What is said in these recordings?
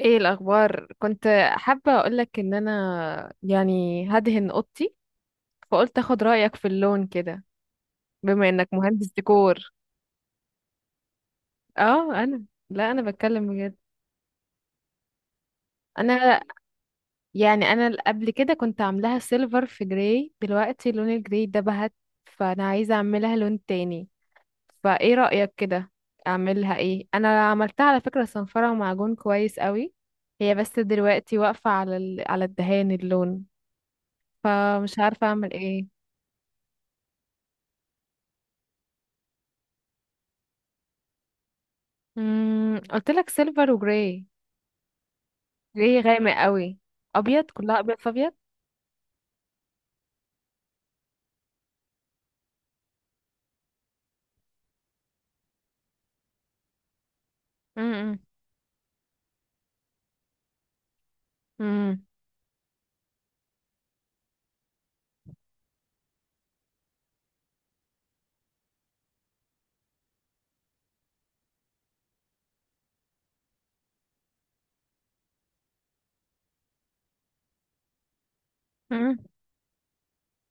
ايه الاخبار؟ كنت حابه اقولك ان انا يعني هدهن اوضتي، فقلت اخد رايك في اللون كده، بما انك مهندس ديكور. اه انا. لا انا بتكلم بجد. انا انا قبل كده كنت عاملاها سيلفر في جراي. دلوقتي لون الجراي ده بهت، فانا عايزه اعملها لون تاني. فايه رايك كده؟ اعملها ايه؟ انا عملتها على فكره صنفره ومعجون كويس قوي. هي بس دلوقتي واقفه على الدهان اللون، فمش عارفه اعمل ايه. امم، قلت لك سيلفر وجراي. جراي غامق قوي. ابيض، كلها ابيض في ابيض. امم. امم. امم.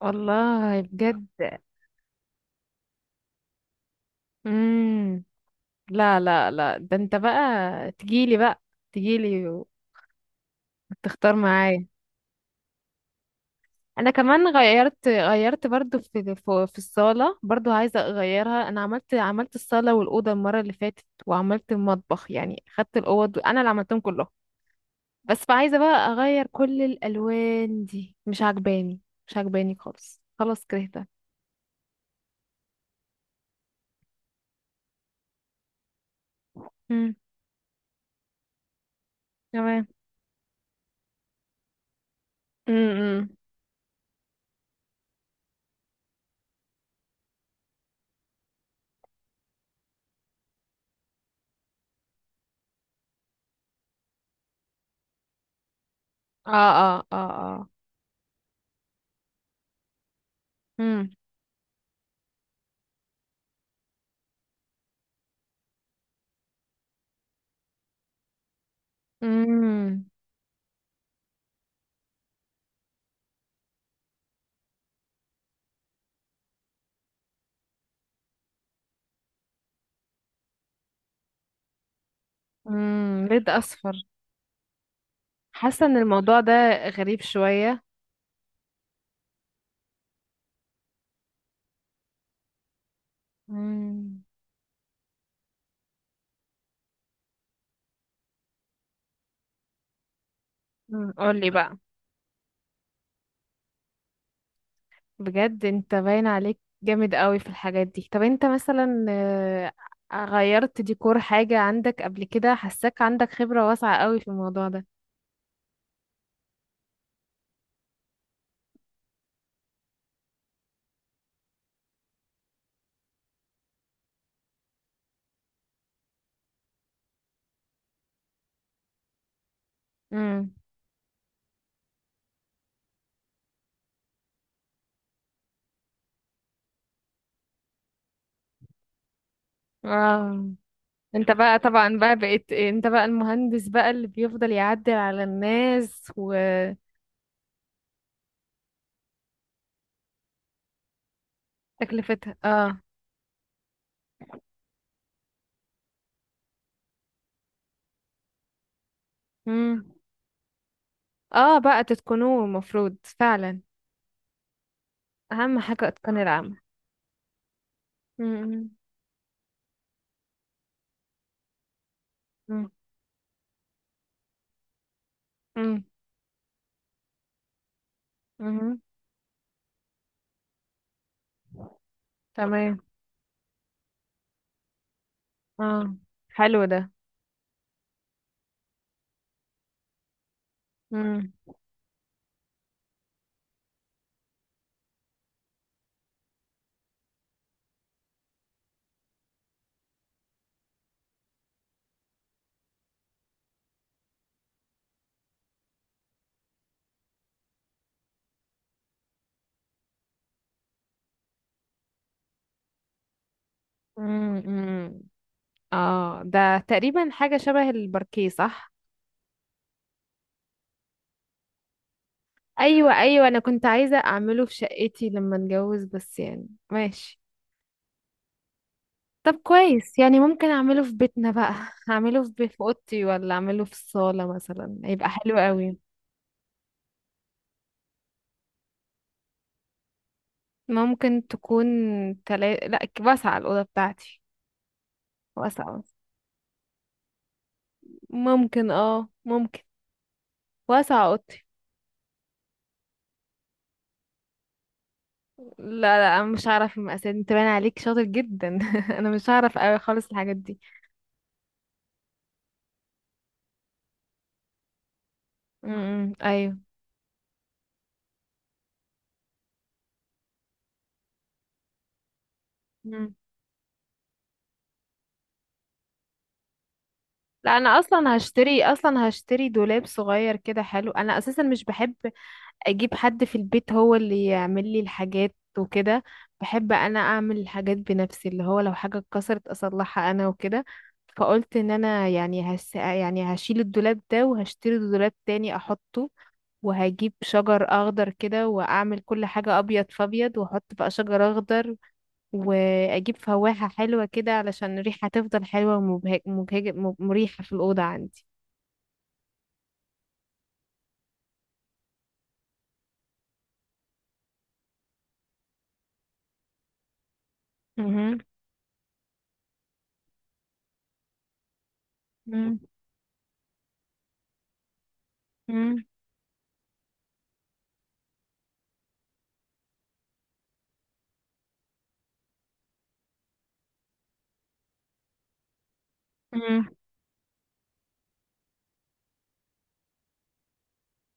والله بجد. امم. لا لا لا، ده انت بقى تجيلي بقى، تجيلي وتختار معايا. انا كمان غيرت برضو في الصالة برضو، عايزة اغيرها. انا عملت الصالة والأوضة المرة اللي فاتت، وعملت المطبخ، يعني خدت الأوض انا اللي عملتهم كلهم. بس عايزة بقى اغير كل الالوان دي، مش عجباني. مش عجباني خالص، خلاص كرهتها. امم. تمام. امم. اه اه اه اه. امم. امم. امم. بيض اصفر. حاسة ان الموضوع ده غريب شوية. امم. مم، قولي بقى. بجد انت باين عليك جامد قوي في الحاجات دي. طب انت مثلا، غيرت ديكور حاجة عندك قبل كده؟ حاساك عندك خبرة واسعة قوي في الموضوع ده. امم. انت بقى طبعا بقى بقيت انت بقى المهندس بقى اللي بيفضل يعدل على الناس وتكلفتها. اه. امم. اه، بقى تتقنوه المفروض فعلا. اهم حاجة اتقان العمل. امم. امم. امم. امم. تمام. اه، حلو ده. امم. امم. اه، ده تقريبا حاجة شبه الباركيه، صح؟ ايوه ايوه، انا كنت عايزة اعمله في شقتي لما اتجوز، بس يعني ماشي. طب كويس، يعني ممكن اعمله في بيتنا بقى اعمله في في اوضتي، ولا اعمله في الصالة مثلا؟ يبقى حلو قوي. ممكن تكون، تلا... لا ك- واسعة الأوضة بتاعتي. واسعة. ممكن اه ممكن. واسعة اوضتي. لا لا، انا مش هعرف المقاسات. انت باين عليك شاطر جدا انا مش هعرف قوي خالص الحاجات دي. امم، ايوه. مم. لا، انا اصلا هشتري دولاب صغير كده حلو. انا اساسا مش بحب اجيب حد في البيت هو اللي يعمل لي الحاجات وكده. بحب انا اعمل الحاجات بنفسي، اللي هو لو حاجة اتكسرت اصلحها انا وكده. فقلت ان انا يعني هشيل الدولاب ده، وهشتري دولاب تاني احطه. وهجيب شجر اخضر كده واعمل كل حاجة ابيض فابيض، واحط بقى شجر اخضر. واجيب فواحة حلوة كده علشان الريحة تفضل حلوة، ومبهج... مبهج... مب- مريحة في الأوضة عندي. مهم. مم. مم. مم.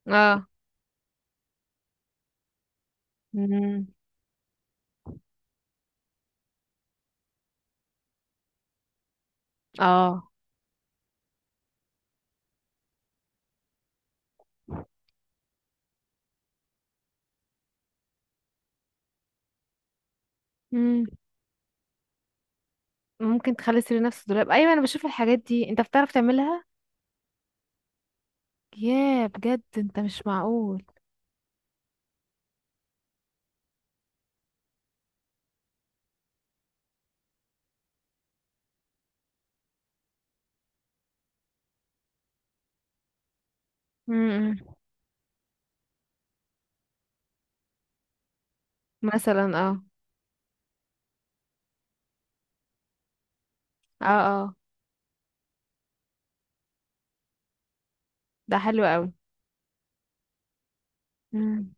اه. مم. اه. مم. ممكن تخلي السرير نفسه دولاب، ايوه. انا بشوف الحاجات دي، انت بتعرف تعملها. ياه بجد، انت مش معقول. مم. مثلا اه. اه اه. ده حلو قوي. مم.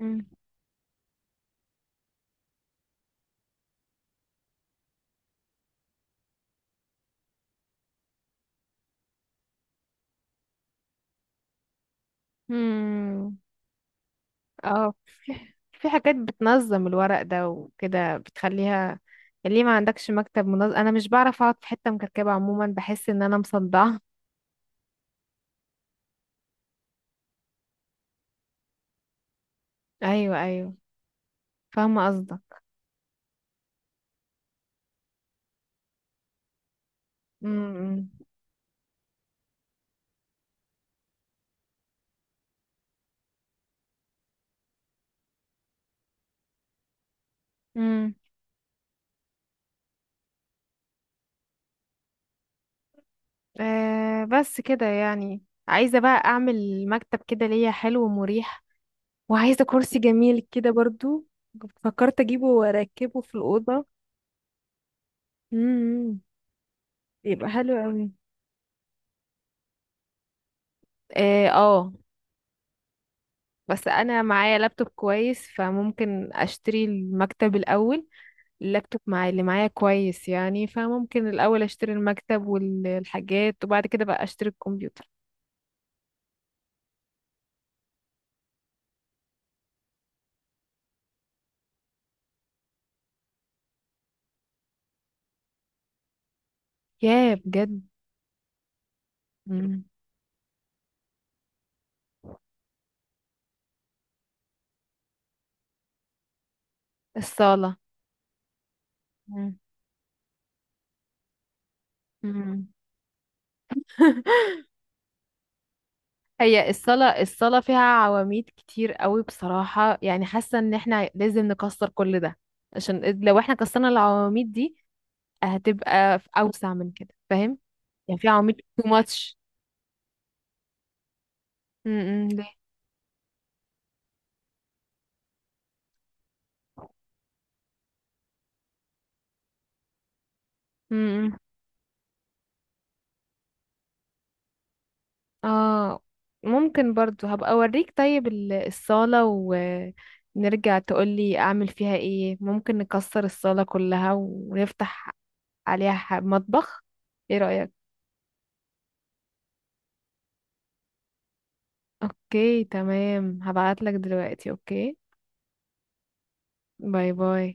مم. مم. اه. في حاجات بتنظم الورق ده وكده بتخليها، يعني ليه ما عندكش مكتب منظم؟ انا مش بعرف اقعد في حتة مكركبة عموما، بحس ان انا مصدعة. ايوه ايوه. فاهمة قصدك. مم. مم. آه، بس كده يعني. عايزة بقى أعمل مكتب كده ليا حلو ومريح. وعايزة كرسي جميل كده برضو، فكرت أجيبه وأركبه في الأوضة. امم. يبقى حلو أوي. اه، بس أنا معايا لابتوب كويس، فممكن أشتري المكتب الأول. اللابتوب معايا، اللي معايا كويس يعني، فممكن الأول أشتري المكتب والحاجات، وبعد كده بقى أشتري الكمبيوتر. ياه بجد. مم. الصالة. مم. مم. هي الصلاة فيها عواميد كتير قوي بصراحة، يعني حاسة ان احنا لازم نكسر كل ده. عشان لو احنا كسرنا العواميد دي هتبقى في اوسع من كده، فاهم؟ يعني في عواميد too much. امم، ليه؟ امم. اه، ممكن برضو هبقى اوريك. طيب الصالة، ونرجع تقولي اعمل فيها ايه، ممكن نكسر الصالة كلها ونفتح عليها مطبخ، ايه رأيك؟ اوكي تمام، هبعتلك دلوقتي. اوكي. باي باي.